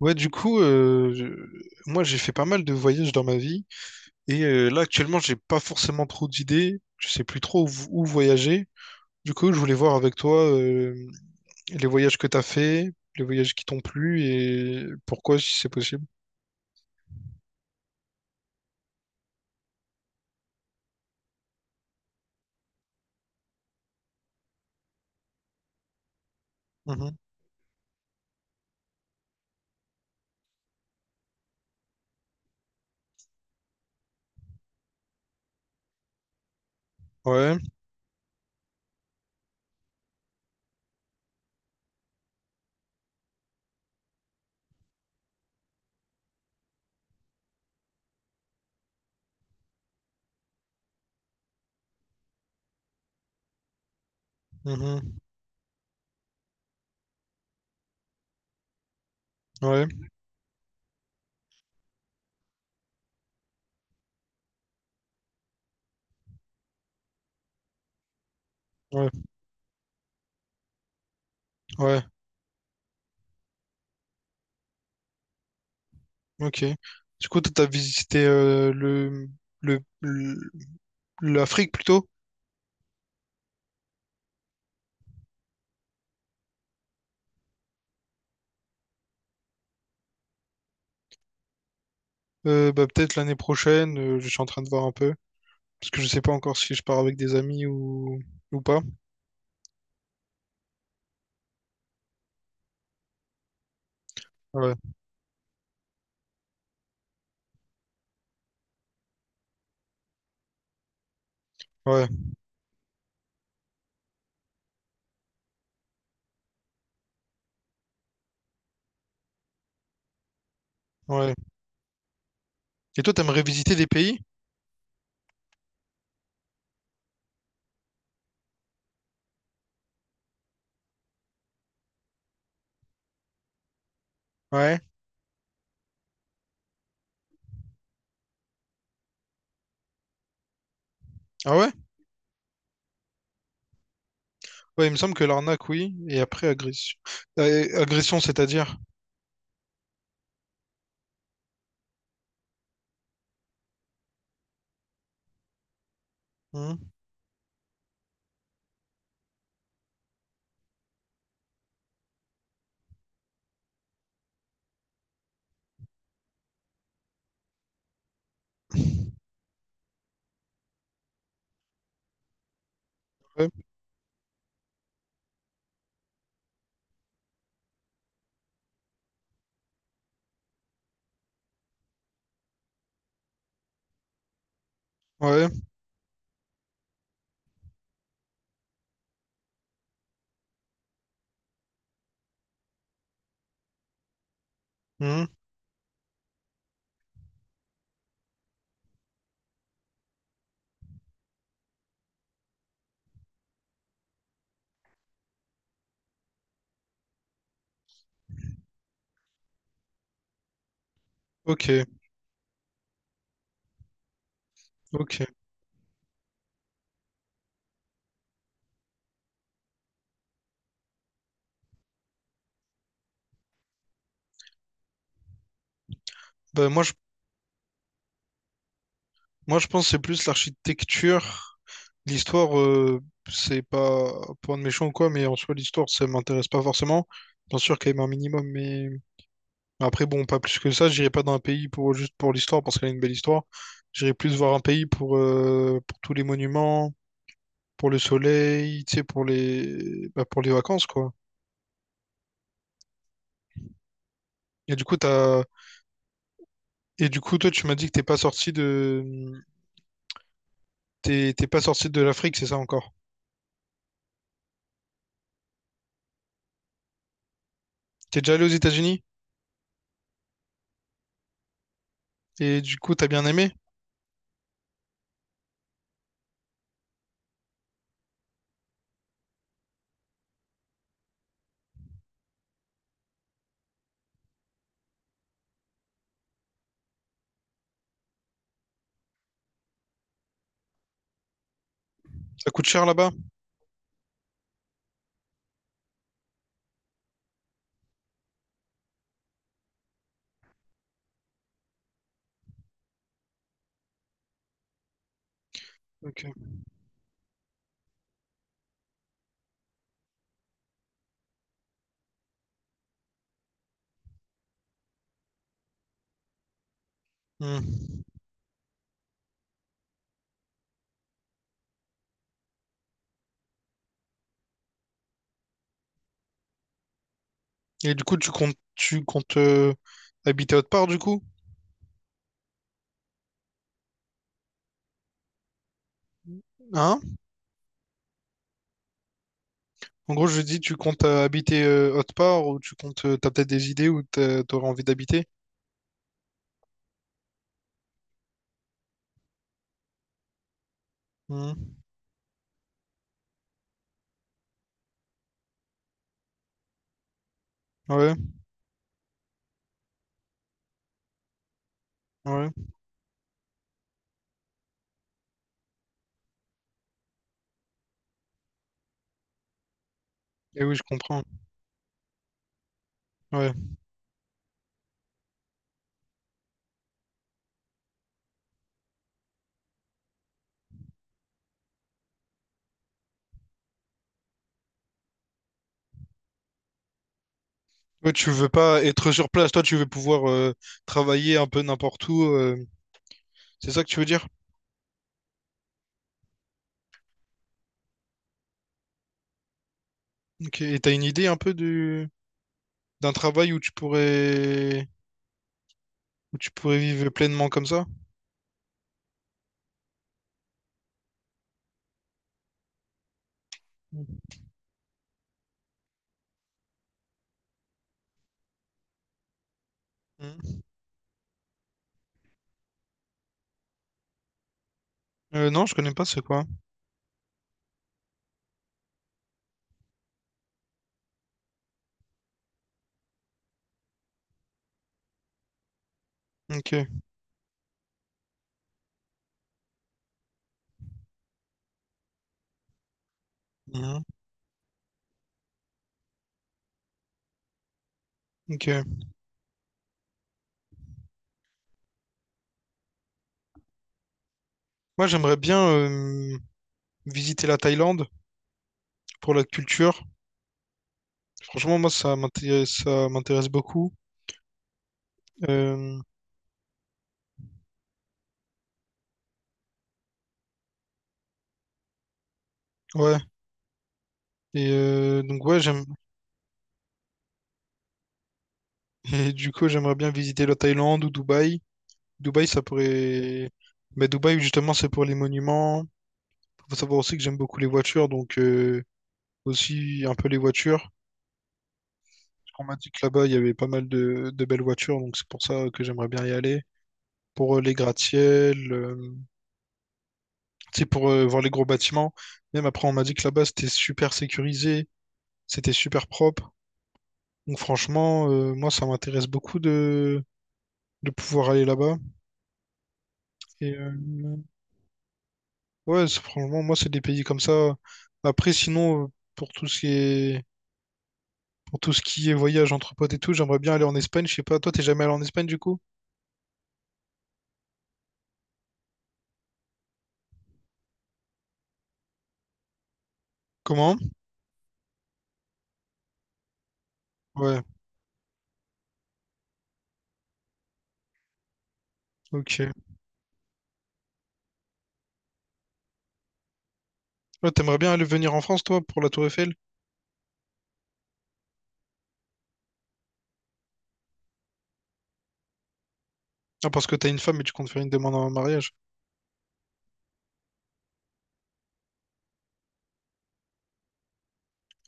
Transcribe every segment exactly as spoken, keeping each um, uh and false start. Ouais, du coup, euh, je- moi j'ai fait pas mal de voyages dans ma vie et euh, là actuellement j'ai pas forcément trop d'idées, je sais plus trop où, où voyager. Du coup, je voulais voir avec toi euh, les voyages que t'as fait, les voyages qui t'ont plu et pourquoi si c'est possible. Mhm. Ouais, mhm. Ouais, ouais, ouais, ok. Du coup, toi, t'as visité euh, le, le, le- l'Afrique plutôt? Euh, bah, peut-être l'année prochaine, euh, je suis en train de voir un peu. Parce que je sais pas encore si je pars avec des amis ou, ou pas. Ouais, ouais, ouais. Et toi, t'aimerais visiter des pays? Ouais. Ah ouais? Ouais, il me semble que l'arnaque, oui. Et après, agression. Euh, agression, c'est-à-dire? Hmm. Ouais. Ouais. Hmm. Ok. Ok. Bah, moi, je, moi, je pense que c'est plus l'architecture. L'histoire, euh, c'est pas pour de méchant ou quoi, mais en soi, l'histoire, ça m'intéresse pas forcément. Bien sûr, quand même un minimum, mais. Après, bon, pas plus que ça, j'irai pas dans un pays pour juste pour l'histoire, parce qu'elle a une belle histoire. J'irai plus voir un pays pour, euh, pour tous les monuments, pour le soleil, tu sais, pour les bah, pour les vacances, quoi. Et du coup, t'as... Et du coup, toi, tu m'as dit que t'es pas sorti de t'es t'es pas sorti de l'Afrique, c'est ça encore? T'es déjà allé aux États-Unis? Et du coup, t'as bien aimé? Ça coûte cher là-bas? Ok. Hmm. Et du coup, tu comptes tu comptes euh, habiter autre part, du coup? Hein? En gros, je dis, tu comptes euh, habiter euh, autre part ou tu comptes, euh, t'as peut-être des idées où t'as- t'aurais envie d'habiter? Mhm. Ouais, ouais. Et oui, je comprends. Ouais. Ouais, tu veux pas être sur place, toi, tu veux pouvoir euh, travailler un peu n'importe où. Euh, c'est ça que tu veux dire? Ok. Et t'as une idée un peu du d'un travail où tu pourrais où tu pourrais vivre pleinement comme ça? Mhm. Euh, non, je connais pas c'est quoi. Ok. Mhm. Ok. Moi, j'aimerais bien euh, visiter la Thaïlande pour la culture. Franchement, moi, ça m'intéresse, ça m'intéresse beaucoup. Euh, ouais. Et euh, donc, ouais, j'aime. Et du coup, j'aimerais bien visiter la Thaïlande ou Dubaï. Dubaï, ça pourrait. Mais Dubaï, justement, c'est pour les monuments. Faut savoir aussi que j'aime beaucoup les voitures, donc euh, aussi un peu les voitures. On m'a dit que là-bas, il y avait pas mal de, de belles voitures, donc c'est pour ça que j'aimerais bien y aller. Pour euh, les gratte-ciel, euh, tu sais, pour euh, voir les gros bâtiments. Même après, on m'a dit que là-bas, c'était super sécurisé, c'était super propre. Donc franchement, euh, moi, ça m'intéresse beaucoup de, de pouvoir aller là-bas. Et euh, ouais, c'est- franchement, moi, c'est des pays comme ça. Après, sinon, euh, pour tout ce qui est, pour tout ce qui est voyage entre potes et tout, j'aimerais bien aller en Espagne. Je sais pas, toi, t'es jamais allé en Espagne du coup? Comment? Ouais, ok. Ouais, t'aimerais bien aller venir en France, toi, pour la Tour Eiffel? Ah, parce que t'as une femme et tu comptes faire une demande en mariage.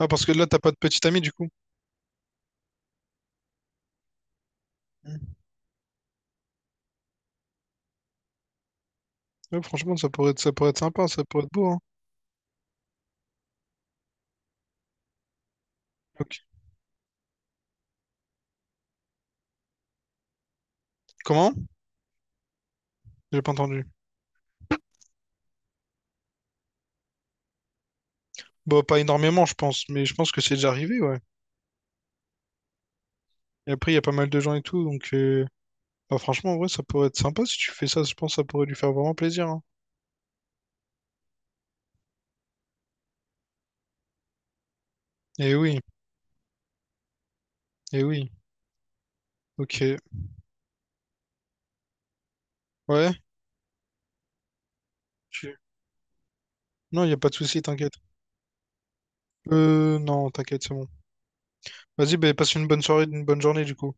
Ah, parce que là, t'as pas de petite amie, du coup. Mm. Ouais, franchement, ça pourrait être, ça pourrait être sympa, ça pourrait être beau, hein. Ok. Comment? J'ai pas entendu. Bah, pas énormément, je pense, mais je pense que c'est déjà arrivé, ouais. Et après, il y a pas mal de gens et tout, donc euh, bah, franchement, ouais, ça pourrait être sympa si tu fais ça, je pense que ça pourrait lui faire vraiment plaisir, hein. Eh oui, eh oui, ok. Ouais, tu- non, il n'y a pas de souci, t'inquiète. Euh, non, t'inquiète, c'est bon. Vas-y, bah, passe une bonne soirée, une bonne journée, du coup.